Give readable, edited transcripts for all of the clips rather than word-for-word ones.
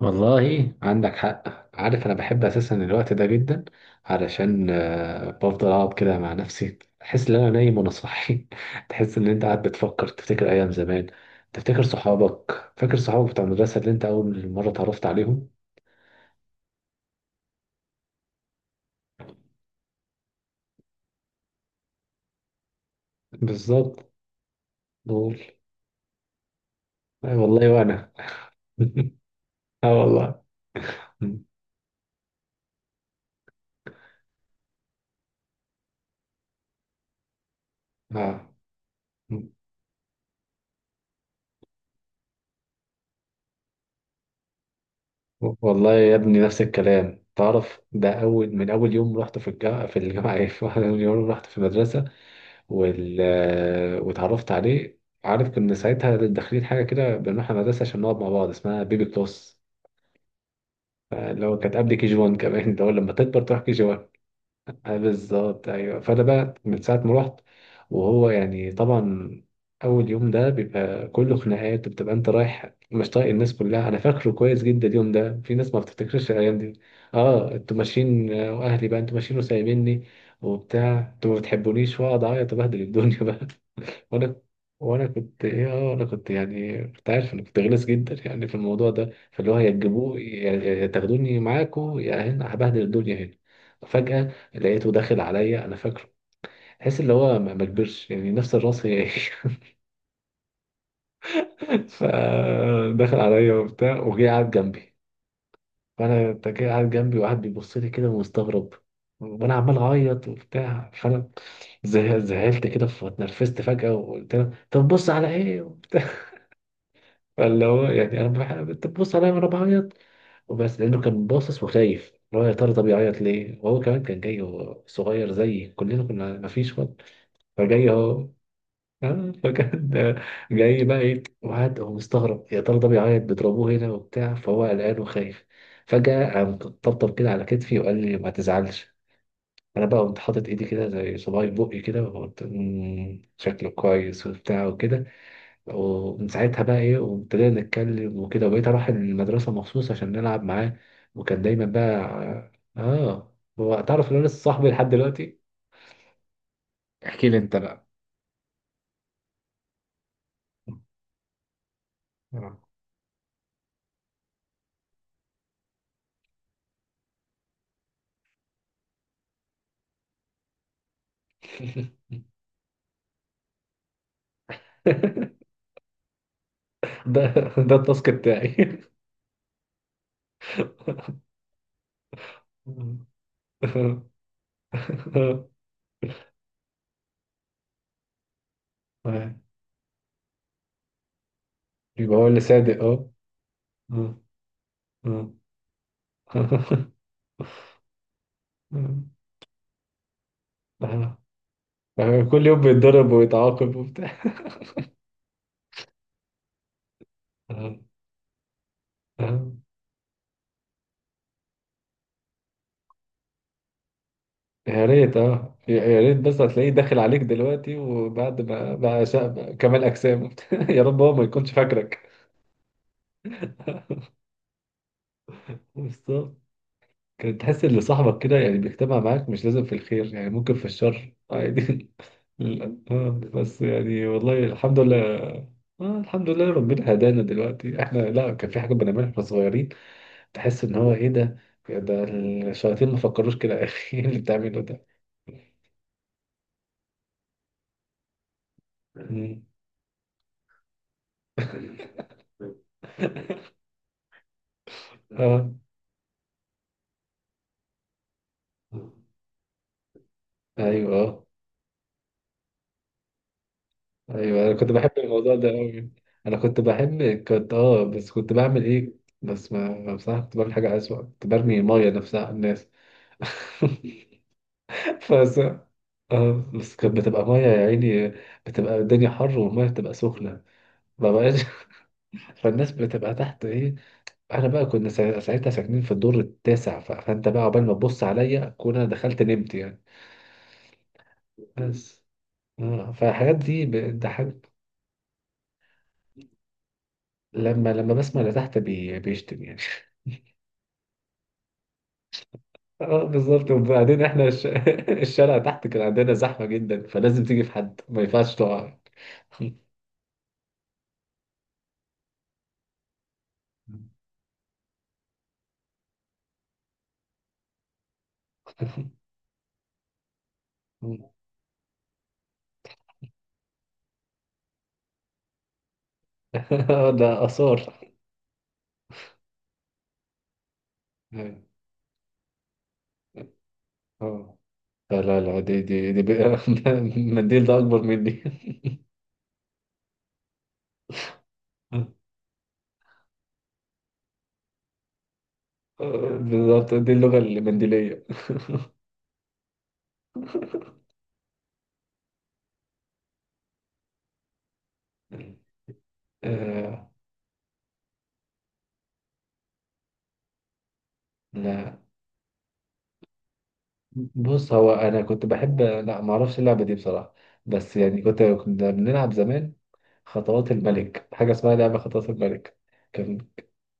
والله عندك حق. عارف انا بحب اساسا الوقت ده جدا، علشان بفضل اقعد كده مع نفسي، احس ان انا نايم وانا صاحي. تحس ان انت قاعد بتفكر، تفتكر ايام زمان، تفتكر صحابك، فاكر صحابك بتاع المدرسه اللي انت اول مره اتعرفت عليهم. بالظبط. دول أي والله. وانا. اه والله. مم. اه. مم. والله يا ابني، نفس الكلام. تعرف ده اول من اول يوم رحت في الجامعه من اول يوم رحت في المدرسه. وال... واتعرفت عليه. عارف كنا ساعتها داخلين حاجة كده، بنروح المدرسة عشان نقعد مع بعض، اسمها بيبي كلوس، اللي هو كانت قبل كي جي 1 كمان، اللي هو لما تكبر تروح كي جي 1. بالظبط، ايوه. فانا بقى من ساعة ما رحت، وهو يعني طبعا اول يوم ده بيبقى كله خناقات، وبتبقى انت رايح مش طايق الناس كلها. انا فاكره كويس جدا اليوم ده، في ناس ما بتفتكرش الايام دي. اه، انتوا ماشيين، واهلي بقى انتوا ماشيين وسايبيني وبتاع، انتوا ما بتحبونيش، واقعد اعيط وبهدل الدنيا بقى. وانا وانا كنت انا كنت يعني كنت عارف انا كنت غلس جدا يعني في الموضوع ده. فاللي هو يا تجيبوه، يا تاخدوني معاكم، يا هنا هبهدل الدنيا هنا. فجأة لقيته داخل عليا، انا فاكره، تحس اللي هو ما كبرش يعني، نفس الراس، هي هي. فدخل عليا وبتاع، وجه قعد جنبي. فانا أنت جاي قاعد جنبي، وقعد بيبص لي كده ومستغرب، وانا عمال اعيط وبتاع. فانا زهقت كده، فاتنرفزت فجأة، وقلت له طب بص على ايه وبتاع. فاللي هو يعني انا انت بتبص عليا وانا بعيط وبس، لانه كان باصص وخايف، اللي هو يا ترى ده بيعيط ليه. وهو كمان كان جاي وهو صغير زيي، كلنا كنا ما فيش وقت. فجاي اهو. فكان جاي بقى ايه، وقعد هو مستغرب، يا ترى ده بيعيط، بيضربوه هنا وبتاع، فهو قلقان وخايف. فجأة قام طبطب كده على كتفي وقال لي ما تزعلش. انا بقى قمت حاطط ايدي كده زي صباعي في بقي كده، وقلت "مم، شكله كويس" وبتاع وكده. ومن ساعتها بقى ايه، وابتدينا نتكلم وكده، وبقيت اروح المدرسة مخصوص عشان نلعب معاه، وكان دايما بقى. اه. هو تعرف ان انا لسه صاحبي لحد دلوقتي. احكي لي انت بقى. آه. ده ده التاسك بتاعي. يبقى هو اللي صادق. اه. آه. آه. آه. آه. كل يوم بيتضرب ويتعاقب وبتاع. آه. آه. يا ريت، اه، يا ريت بس هتلاقيه داخل عليك دلوقتي، وبعد ما بقى كمال اجسام. يا رب هو ما يكونش فاكرك. بالظبط. كان تحس ان صاحبك كده يعني بيجتمع معاك، مش لازم في الخير يعني، ممكن في الشر عادي. لا، بس يعني والله الحمد لله. آه، الحمد لله ربنا هدانا دلوقتي احنا، لا كان في حاجه بنعملها واحنا صغيرين. تحس ان هو ايه ده، ده الشياطين ما فكروش كده. يا اخي إيه اللي بتعمله ده؟ مم. اه. ايوه. آه. ايوه، انا كنت بحب الموضوع ده قوي. انا كنت بحب، كنت اه، بس كنت بعمل ايه؟ بس ما بصراحه كنت بعمل حاجه اسوأ، كنت برمي ميه نفسها على الناس. فس اه، بس كانت بتبقى ميه يا عيني، بتبقى الدنيا حر والميه بتبقى سخنه، ما بقاش. فالناس بتبقى تحت ايه، احنا بقى كنا ساعتها ساكنين في الدور التاسع، فانت بقى عقبال ما تبص عليا اكون انا دخلت نمت يعني. بس اه، فالحاجات دي ده حاجه. لما بسمع اللي تحت بيشتم يعني. اه بالظبط. وبعدين احنا الشارع تحت كان عندنا زحمة جدا، فلازم تيجي في حد، ما ينفعش تقع. ده آثار. اه، لا لا لا، دي بقى. المنديل ده أكبر مني. بالظبط، دي اللغة المنديلية. آه. لا، بص هو أنا كنت بحب، لا ما أعرفش اللعبة دي بصراحة. بس يعني كنت، كنا بنلعب زمان خطوات الملك، حاجة اسمها لعبة خطوات الملك. كان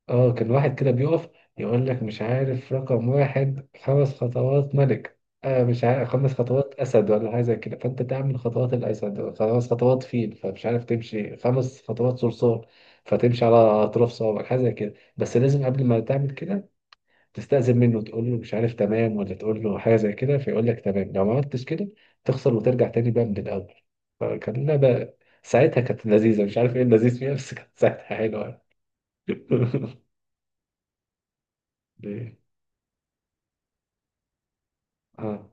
اه، كان واحد كده بيقف، يقول لك مش عارف رقم واحد خمس خطوات ملك، آه مش عارف خمس خطوات أسد، ولا حاجة زي كده. فأنت تعمل خطوات الأسد، خمس خطوات فيل، فمش عارف، تمشي خمس خطوات صرصور، فتمشي على أطراف صوابعك، حاجة زي كده. بس لازم قبل ما تعمل كده، تستأذن منه، تقول له مش عارف تمام، ولا تقول له حاجة زي كده، فيقول لك تمام. لو ما عملتش كده تخسر، وترجع تاني بقى من الأول. فكان لعبة ساعتها كانت لذيذة، مش عارف إيه اللذيذ فيها، بس كانت ساعتها حلوة يعني. اه.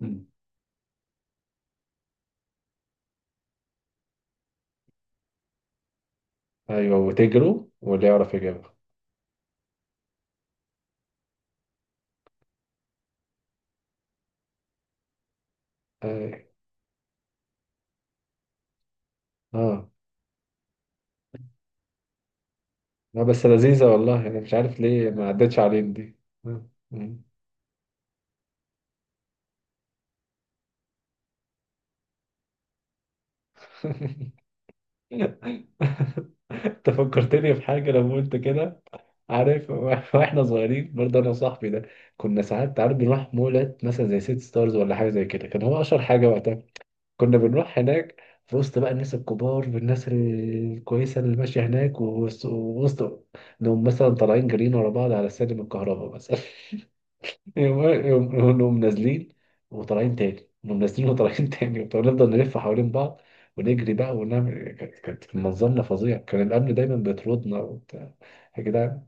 مم. ايوه، وتجروا واللي يعرف يجيبها. ايوه. اه، لا بس لذيذة والله، انا مش عارف ليه ما عدتش علينا دي. آه. مم. انت فكرتني في حاجة لما انت كده، عارف. واحنا صغيرين برضه انا وصاحبي ده، كنا ساعات عارف بنروح مولات مثلا زي سيتي ستارز، ولا حاجة زي كده، كان هو اشهر حاجة وقتها. كنا بنروح هناك، في وسط بقى الناس الكبار والناس الكويسة اللي ماشية هناك، انهم مثلا طالعين جريين ورا بعض على سلم الكهرباء مثلا، يقوم نازلين وطالعين تاني، نقوم نازلين وطالعين تاني، ونفضل نلف حوالين بعض ونجري بقى ونعمل، كانت منظرنا فظيع. كان الأمن دايما بيطردنا وبتاع. يا جدعان.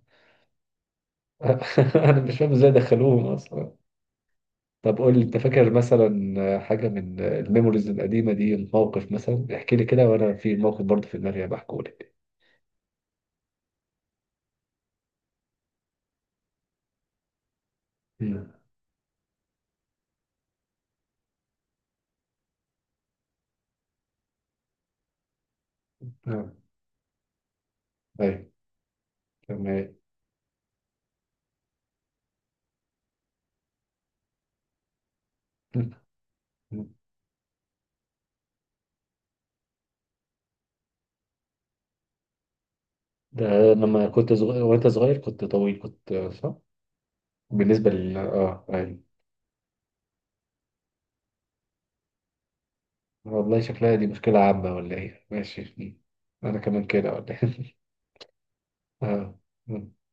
أنا مش فاهم إزاي دخلوهم أصلا. طب قول لي، أنت فاكر مثلا حاجة من الميموريز القديمة دي، موقف مثلا؟ احكي لي كده، وأنا في موقف برضه في دماغي بحكوا لك. أيوه. تمام. ده لما كنت صغير، وأنت صغير كنت طويل، كنت صح؟ بالنسبة لل، أيوه. والله شكلها دي مشكلة عامة ولا إيه؟ ماشي. أنا كمان كده، ولا إيه؟ آه.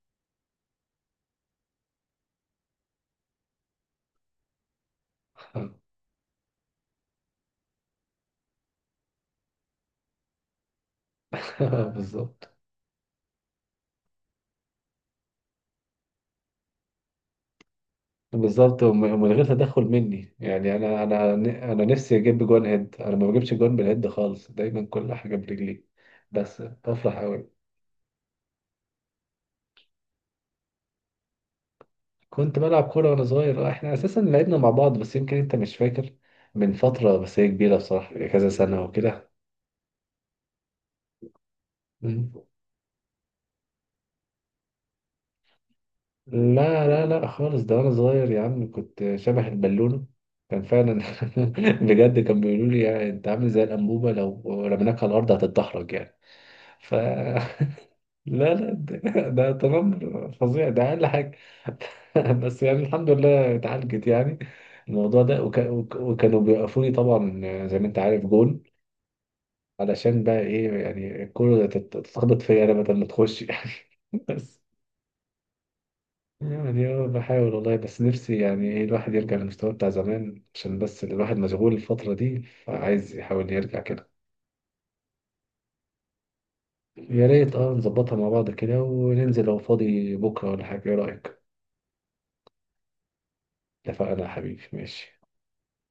آه. بالظبط. بالظبط. ومن غير تدخل مني يعني. أنا أنا نفسي أجيب جوان هيد، أنا ما بجيبش جوان بالهيد خالص، دايما كل حاجة برجلي، بس بفرح أوي. كنت بلعب كورة وأنا صغير، إحنا أساسا لعبنا مع بعض، بس يمكن أنت مش فاكر، من فترة، بس هي كبيرة بصراحة، كذا سنة وكده. لا لا لا خالص، ده وانا صغير يا عم كنت شبه البالون. كان فعلا. بجد كان بيقولوا لي يعني انت عامل زي الانبوبه، لو رميناك على الارض هتتدحرج يعني. ف لا لا، ده تنمر فظيع ده، اقل حاجه. بس يعني الحمد لله اتعالجت يعني، الموضوع ده. وكانوا بيوقفوني طبعا، زي ما انت عارف، جون، علشان بقى ايه يعني الكوره تتخبط فيا انا بدل ما تخش يعني. بس يعني اه، بحاول والله، بس نفسي يعني ايه الواحد يرجع للمستوى بتاع زمان، عشان بس الواحد مشغول الفترة دي، فعايز يحاول يرجع كده. يا ريت، اه، نظبطها مع بعض كده، وننزل لو فاضي بكرة ولا حاجة، ايه رأيك؟ اتفقنا يا حبيبي، ماشي.